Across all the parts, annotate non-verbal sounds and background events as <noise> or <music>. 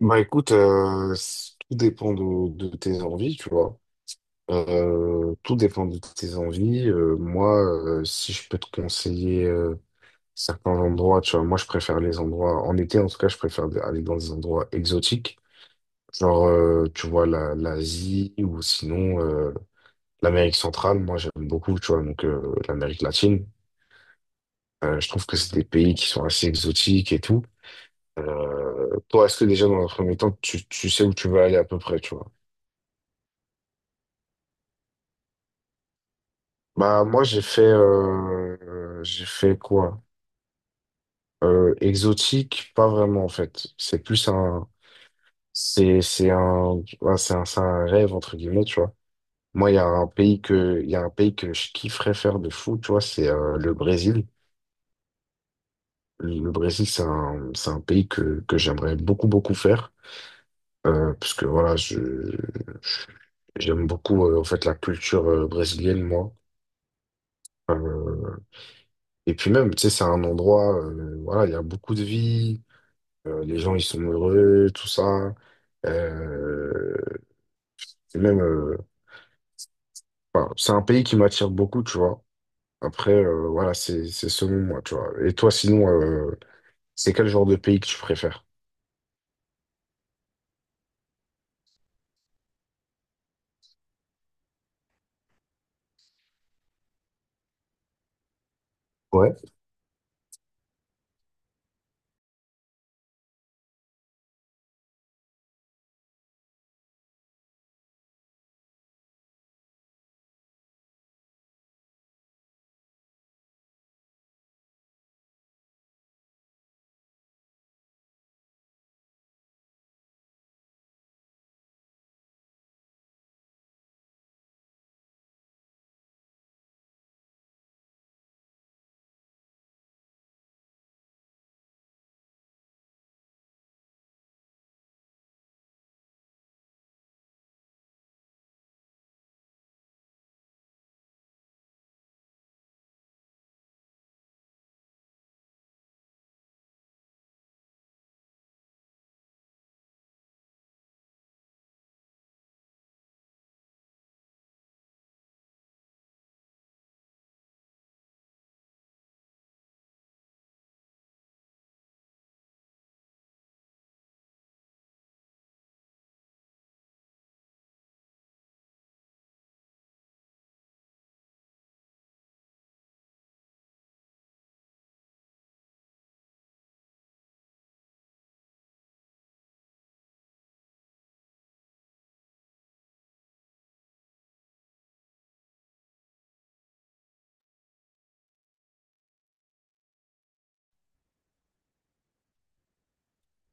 Bah écoute, tout dépend de tes envies, tu vois. Tout dépend de tes envies. Moi, si je peux te conseiller certains endroits, tu vois, moi je préfère les endroits, en été en tout cas, je préfère aller dans des endroits exotiques, genre, tu vois, l'Asie ou sinon l'Amérique centrale, moi j'aime beaucoup, tu vois, donc l'Amérique latine. Je trouve que c'est des pays qui sont assez exotiques et tout. Toi, est-ce que déjà dans un premier temps, tu sais où tu veux aller à peu près, tu vois? Bah moi j'ai fait quoi? Exotique, pas vraiment en fait. C'est plus un c'est un ouais, c'est un rêve entre guillemets, tu vois. Moi il y a un pays que je kifferais faire de fou, tu vois, c'est le Brésil. Le Brésil c'est un pays que j'aimerais beaucoup beaucoup faire parce que voilà, je j'aime beaucoup en fait la culture brésilienne moi. Euh, et puis même, tu sais, c'est un endroit, voilà, il y a beaucoup de vie. Les gens, ils sont heureux, tout ça. Euh, et même, enfin, c'est un pays qui m'attire beaucoup, tu vois. Après, voilà, c'est selon moi, tu vois. Et toi, sinon, c'est quel genre de pays que tu préfères? Ouais,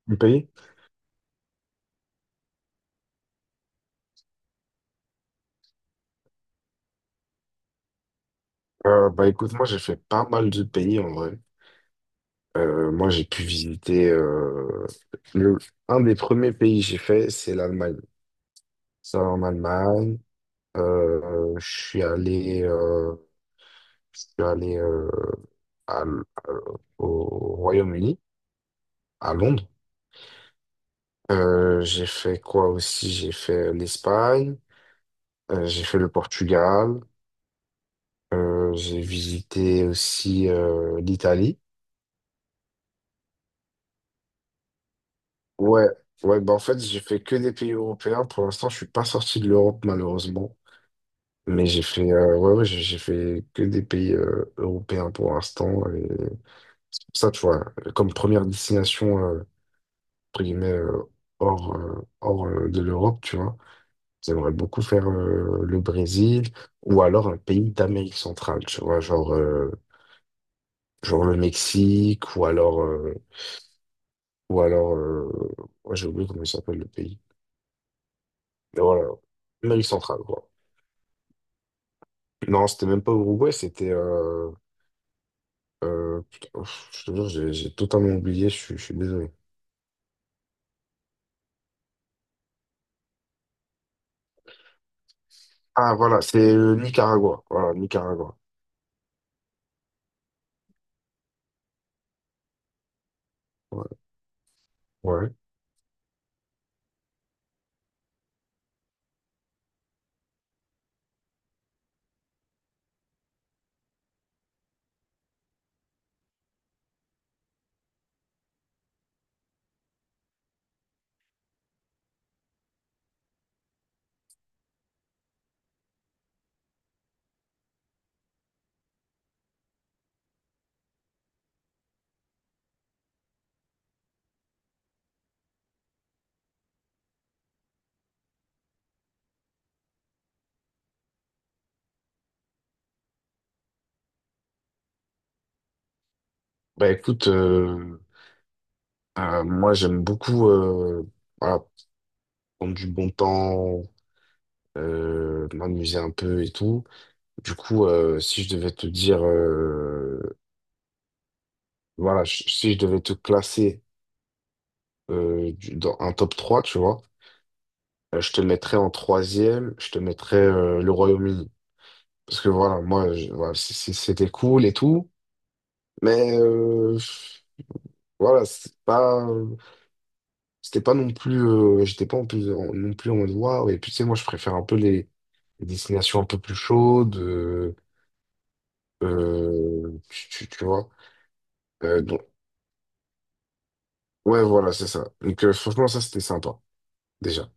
le pays? Bah écoute, moi j'ai fait pas mal de pays en vrai. Moi j'ai pu visiter le, un des premiers pays que j'ai fait, c'est l'Allemagne. Ça en Allemagne, euh, je suis allé. euh, je suis allé à l- à- au Royaume-Uni, à Londres. J'ai fait quoi aussi? J'ai fait l'Espagne, j'ai fait le Portugal, j'ai visité aussi l'Italie. Ouais, ouais, bah en fait, j'ai fait que des pays européens. Pour l'instant, je suis pas sorti de l'Europe, malheureusement. Mais j'ai fait, ouais, ouais, j'ai fait que des pays européens pour l'instant. Et c'est pour ça, tu vois, comme première destination, entre guillemets, hors de l'Europe, tu vois. J'aimerais beaucoup faire le Brésil ou alors un pays d'Amérique centrale, tu vois, genre le Mexique ou alors ouais, j'ai oublié comment il s'appelle le pays. Mais voilà, Amérique centrale, quoi. Non, c'était même pas Uruguay, putain, ouf, je te jure, j'ai totalement oublié, je suis désolé. Ah voilà, c'est Nicaragua. Voilà, Nicaragua. Ouais. Ouais. Bah écoute, moi, j'aime beaucoup voilà, prendre du bon temps, m'amuser un peu et tout. Du coup, si je devais te dire, voilà, si je devais te classer dans un top trois, tu vois, je te mettrais en troisième, je te mettrais le Royaume-Uni. Parce que voilà, moi, voilà, c'était cool et tout, mais voilà, c'est pas. C'était pas non plus, j'étais pas en plus, non plus en mode waouh. Et puis, tu sais, moi, je préfère un peu les destinations un peu plus chaudes, tu vois. Donc, ouais, voilà, c'est ça. Donc, franchement, ça, c'était sympa, déjà.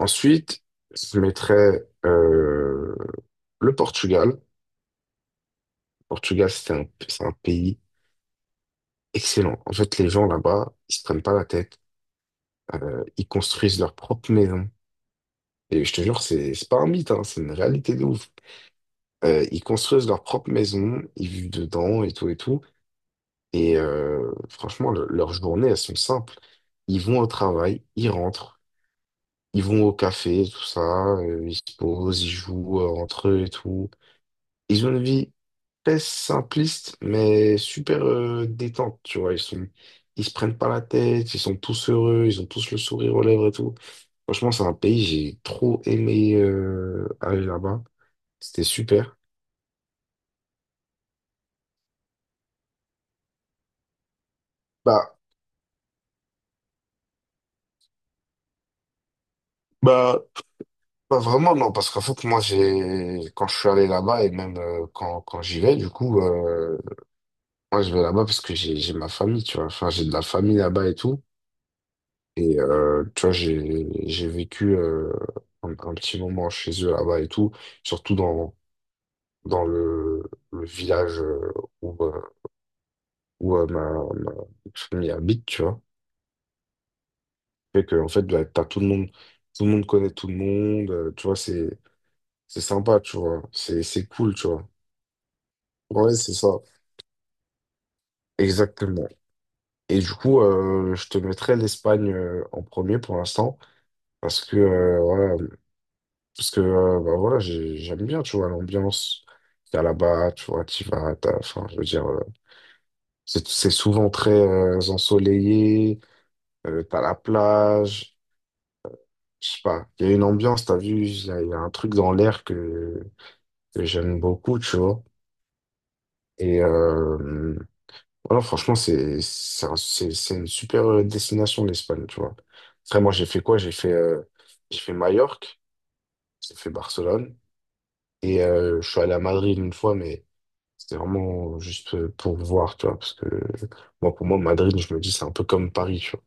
Ensuite, je mettrais le Portugal. Le Portugal, c'est un pays excellent. En fait, les gens là-bas, ils se prennent pas la tête. Ils construisent leur propre maison. Et je te jure, c'est pas un mythe, hein, c'est une réalité de ouf. Ils construisent leur propre maison, ils vivent dedans et tout et tout. Et franchement, leurs journées, elles sont simples. Ils vont au travail, ils rentrent, ils vont au café, tout ça, ils se posent, ils jouent entre eux et tout. Ils ont une vie très simpliste, mais super détente, tu vois. Ils se prennent pas la tête, ils sont tous heureux, ils ont tous le sourire aux lèvres et tout. Franchement, c'est un pays, j'ai trop aimé aller là-bas. C'était super. Bah, bah, pas vraiment, non, parce qu'en fait, moi, quand je suis allé là-bas et même quand j'y vais, du coup, moi, je vais là-bas parce que j'ai ma famille, tu vois. Enfin, j'ai de la famille là-bas et tout. Et, tu vois, j'ai vécu un petit moment chez eux là-bas et tout, surtout dans le village où, euh, où ma famille habite, tu vois. Fait que, en fait, bah, t'as tout le monde connaît tout le monde, tu vois, c'est sympa, tu vois. C'est cool, tu vois. Ouais, c'est ça. Exactement. Et du coup, je te mettrai l'Espagne en premier pour l'instant, parce que euh, voilà, parce que bah, voilà, j'aime bien, tu vois, l'ambiance qu'il y a là-bas, tu vois, tu vas, enfin, je veux dire, c'est souvent très ensoleillé, t'as la plage, je sais pas, il y a une ambiance, t'as vu, il y a un truc dans l'air que j'aime beaucoup, tu vois. Et, voilà, franchement, c'est une super destination, l'Espagne, tu vois. Après, moi, j'ai fait quoi? J'ai fait Majorque, j'ai fait Barcelone, et je suis allé à Madrid une fois, mais c'était vraiment juste pour voir, tu vois, parce que pour moi, Madrid, je me dis, c'est un peu comme Paris, tu vois.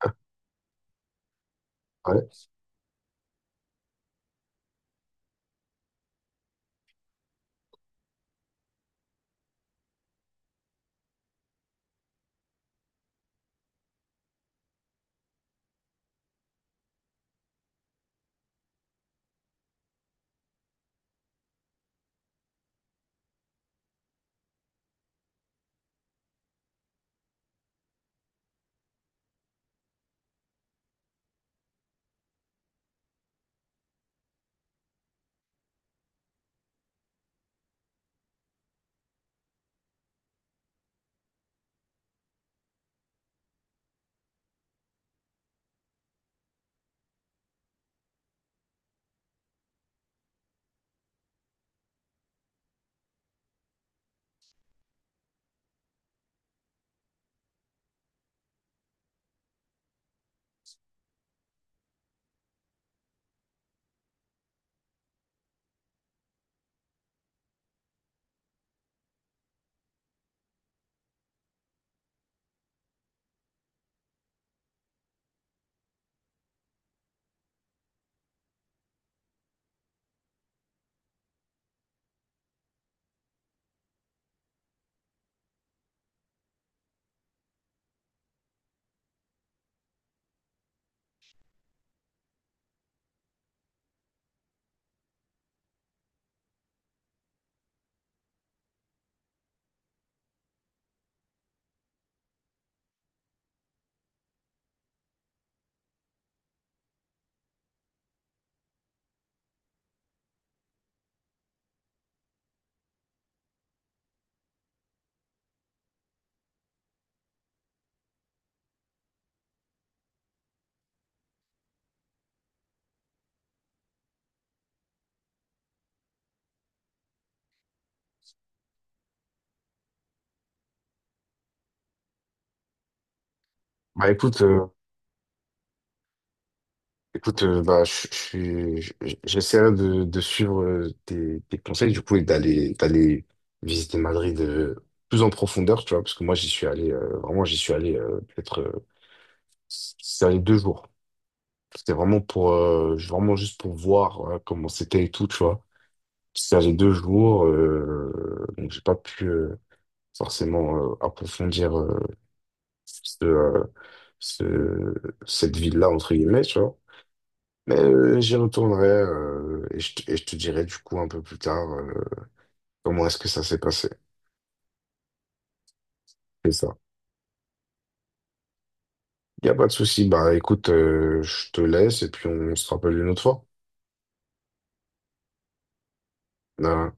<laughs> Ouais. Bah écoute, euh, Écoute, bah, j'essaierai de suivre tes conseils, du coup, et d'aller visiter Madrid plus en profondeur, tu vois, parce que moi, j'y suis allé, vraiment, j'y suis allé peut-être, j'y allé 2 jours. C'était vraiment vraiment juste pour voir comment c'était et tout, tu vois. J'y allé deux jours, donc j'ai pas pu forcément approfondir ce, euh, ce- cette ville-là, entre guillemets, tu vois. Mais j'y retournerai et je te dirai du coup un peu plus tard comment est-ce que ça s'est passé. C'est ça. Il n'y a pas de souci. Bah écoute, je te laisse et puis on se rappelle une autre fois. Euh,